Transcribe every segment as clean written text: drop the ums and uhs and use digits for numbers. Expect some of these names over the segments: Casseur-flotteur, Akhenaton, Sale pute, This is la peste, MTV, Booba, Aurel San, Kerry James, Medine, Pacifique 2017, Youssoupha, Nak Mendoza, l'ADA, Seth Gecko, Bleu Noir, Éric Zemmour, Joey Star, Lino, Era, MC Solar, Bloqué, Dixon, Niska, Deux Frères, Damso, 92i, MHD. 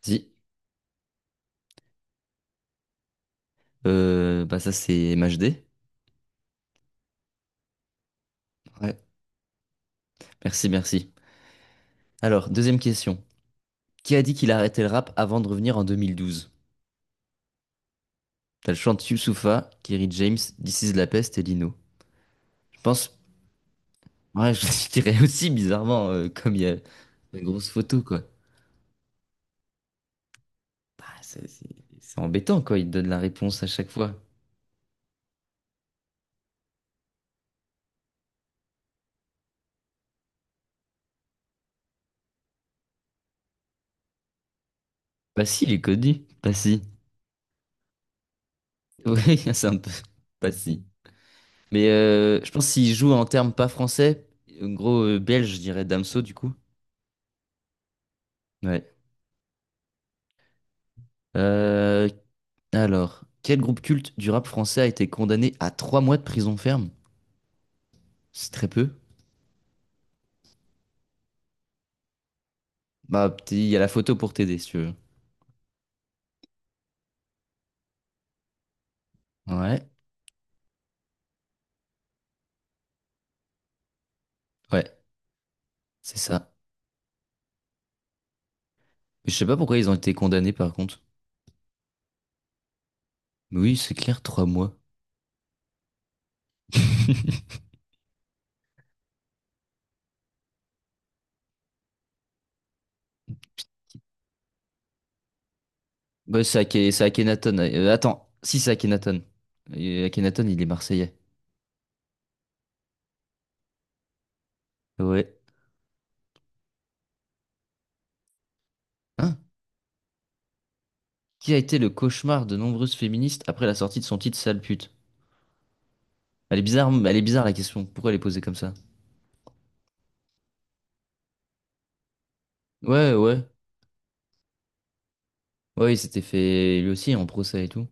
Si, bah ça c'est MHD. Ouais. Merci, merci. Alors, deuxième question. Qui a dit qu'il arrêtait le rap avant de revenir en 2012? T'as le chant de Youssoupha, Kerry James, This is la peste et Lino. Je pense, ouais, je dirais aussi bizarrement, comme il y a une grosse photo, quoi. Bah, c'est embêtant, quoi, il te donne la réponse à chaque fois. Bah si, il est connu. Bah si. Oui, c'est un peu... Bah si. Mais je pense s'il joue en termes pas français, en gros, belge, je dirais Damso, du coup. Ouais. Euh, alors, quel groupe culte du rap français a été condamné à trois mois de prison ferme? C'est très peu. Bah, petit, il y a la photo pour t'aider si tu veux. Ouais, ouais, c'est ça. Je sais pas pourquoi ils ont été condamnés par contre. Mais oui, c'est clair, trois mois. Bah, c'est Akhenaton. Attends, si c'est Akhenaton. Et Akhenaton, il est marseillais. Ouais. Hein? Qui a été le cauchemar de nombreuses féministes après la sortie de son titre Sale pute? Elle est bizarre la question. Pourquoi elle est posée comme ça? Ouais, ouais. Ouais, il s'était fait lui aussi en procès et tout.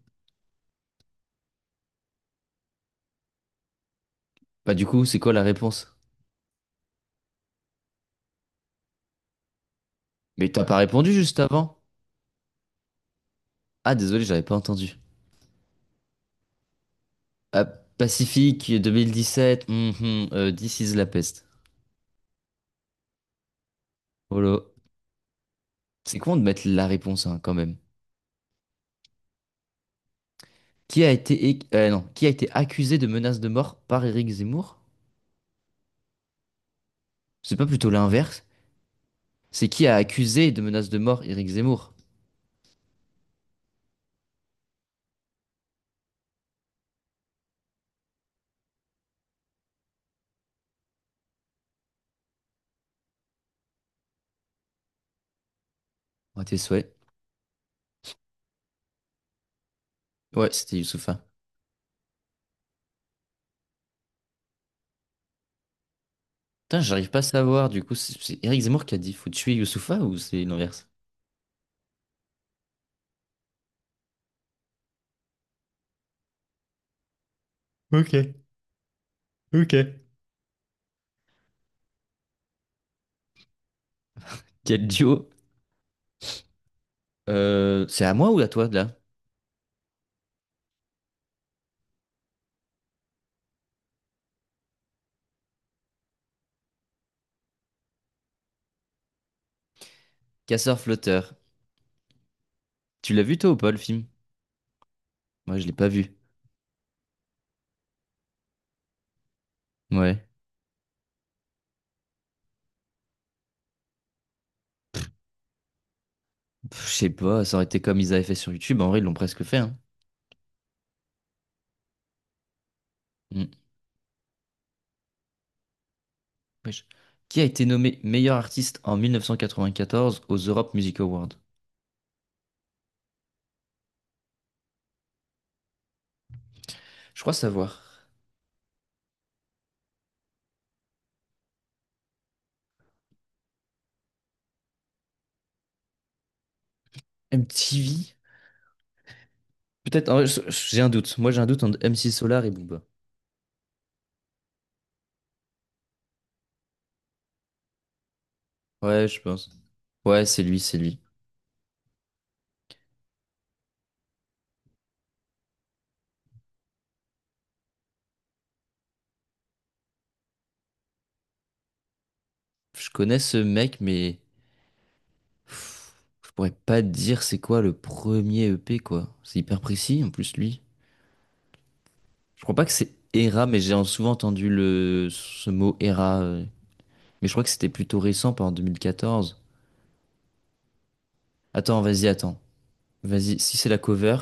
Bah du coup, c'est quoi la réponse? Mais t'as pas répondu juste avant? Ah désolé, j'avais pas entendu. Ah, Pacifique 2017, mhm, This is la peste. Holo. C'est con de mettre la réponse hein, quand même. Qui a été, é- non, qui a été accusé de menace de mort par Éric Zemmour? C'est pas plutôt l'inverse? C'est qui a accusé de menace de mort Éric Zemmour? À tes souhaits. Ouais, c'était Youssoupha. Putain, j'arrive pas à savoir, du coup, c'est Éric Zemmour qui a dit faut tuer Youssoupha ou c'est l'inverse? Ok, ok. Quel duo? C'est à moi ou à toi, là? Casseur-flotteur. Tu l'as vu, toi, ou pas, le film? Moi, je l'ai pas vu. Ouais. Pff, je sais pas, ça aurait été comme ils avaient fait sur YouTube. En vrai, ils l'ont presque fait, hein. Mm. Wesh. Qui a été nommé meilleur artiste en 1994 aux Europe Music Awards? Je crois savoir. MTV? Peut-être, en vrai, j'ai un doute. Moi, j'ai un doute entre MC Solar et Booba. Ouais, je pense. Ouais, c'est lui, c'est lui. Je connais ce mec, mais... Je pourrais pas te dire c'est quoi le premier EP, quoi. C'est hyper précis, en plus, lui. Je crois pas que c'est Era, mais j'ai souvent entendu le... ce mot Era. Mais je crois que c'était plutôt récent, pas en 2014. Attends. Vas-y, si c'est la cover,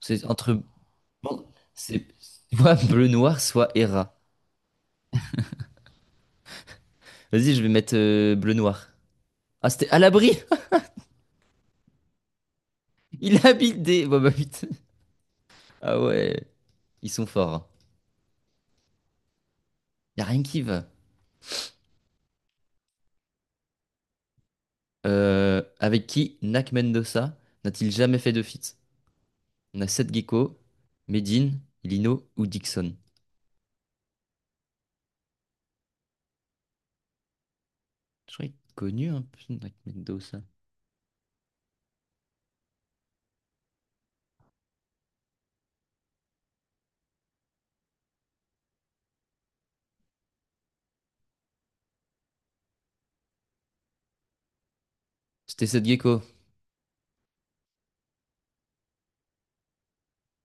c'est entre... bon, c'est soit Bleu Noir, soit Era. Vas-y, je vais mettre Bleu Noir. Ah, c'était à l'abri! Il habite des... Bon, bah, putain. Ah ouais, ils sont forts. Hein. Y a rien qui va. Avec qui Nak Mendoza n'a-t-il jamais fait de feat? On a Seth Gecko, Medine, Lino ou Dixon. Je crois qu'il est connu un peu, Nak Mendoza. C'était Seth Gecko.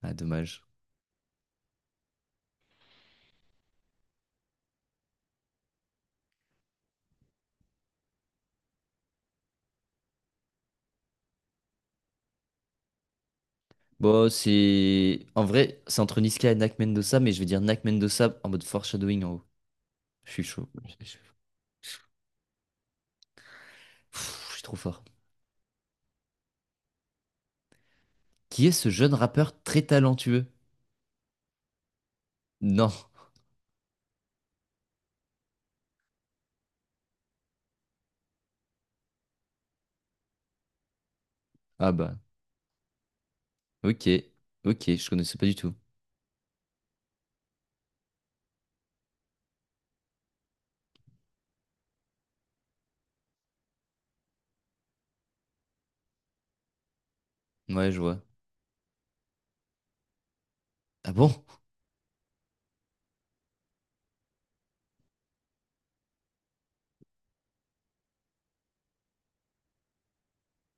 Ah, dommage. Bon, c'est. En vrai, c'est entre Niska et Nak Mendoza, mais je vais dire Nak Mendoza en mode foreshadowing en haut. Je suis chaud. Je je- Pff, je suis trop fort. Qui est ce jeune rappeur très talentueux? Non. Ah bah. Ok. Ok, je connaissais pas du tout. Ouais, je vois. Ah bon?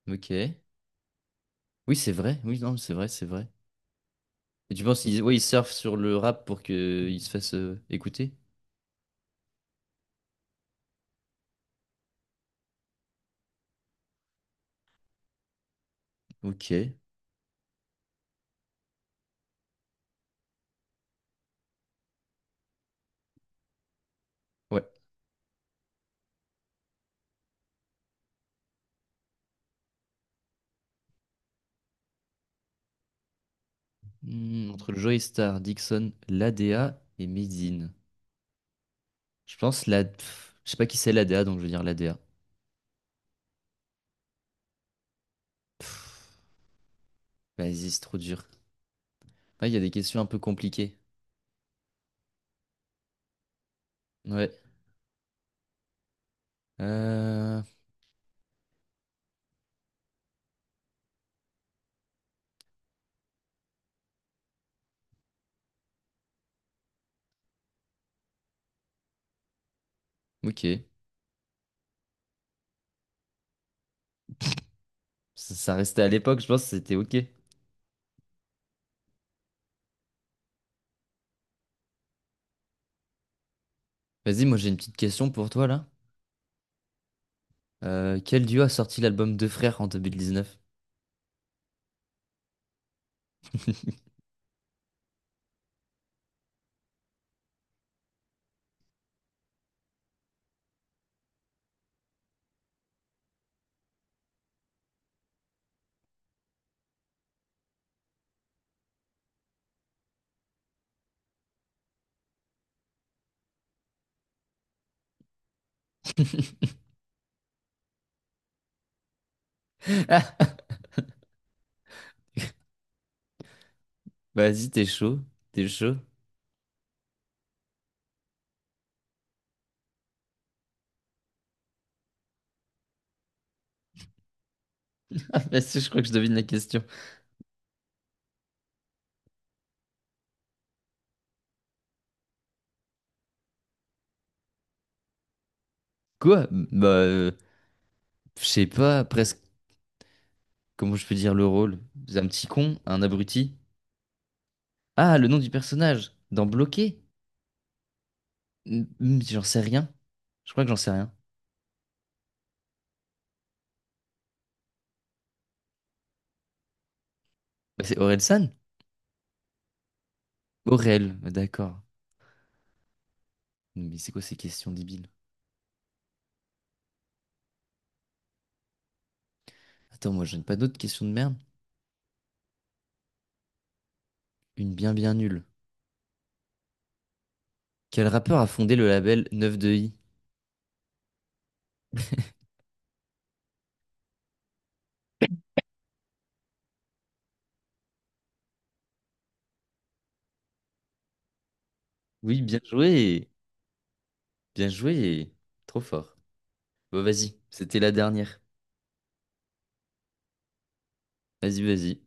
Ok. Oui, c'est vrai. Oui, non, c'est vrai, c'est vrai. Et tu penses qu'ils ouais, ils surfent sur le rap pour qu'ils se fassent écouter? Ok. Ouais. Hmm, entre le Joey Star, Dixon, l'ADA et Medine. Je pense la... pff, je sais pas qui c'est l'ADA, donc je vais dire l'ADA. Vas-y, c'est trop dur. Ah, il y a des questions un peu compliquées. Ouais. Euh... Ok. Ça restait à l'époque, je pense que c'était ok. Vas-y, moi j'ai une petite question pour toi là. Quel duo a sorti l'album Deux Frères en 2019? Vas-y, t'es chaud. T'es chaud. Vas-y, je crois que je devine la question. Quoi? Bah, je sais pas presque comment je peux dire le rôle. C'est Un petit con, un abruti. Ah, le nom du personnage, dans Bloqué? Hmm, hmm, j'en sais rien. Je crois que j'en sais rien. Bah, c'est Aurel San? Aurel, bah, d'accord. Mais c'est quoi ces questions débiles? Attends, moi, je n'ai pas d'autres questions de merde. Une bien bien nulle. Quel rappeur a fondé le label 92i? Oui, bien joué! Bien joué! Trop fort. Bon, vas-y, c'était la dernière. Vas-y, vas-y.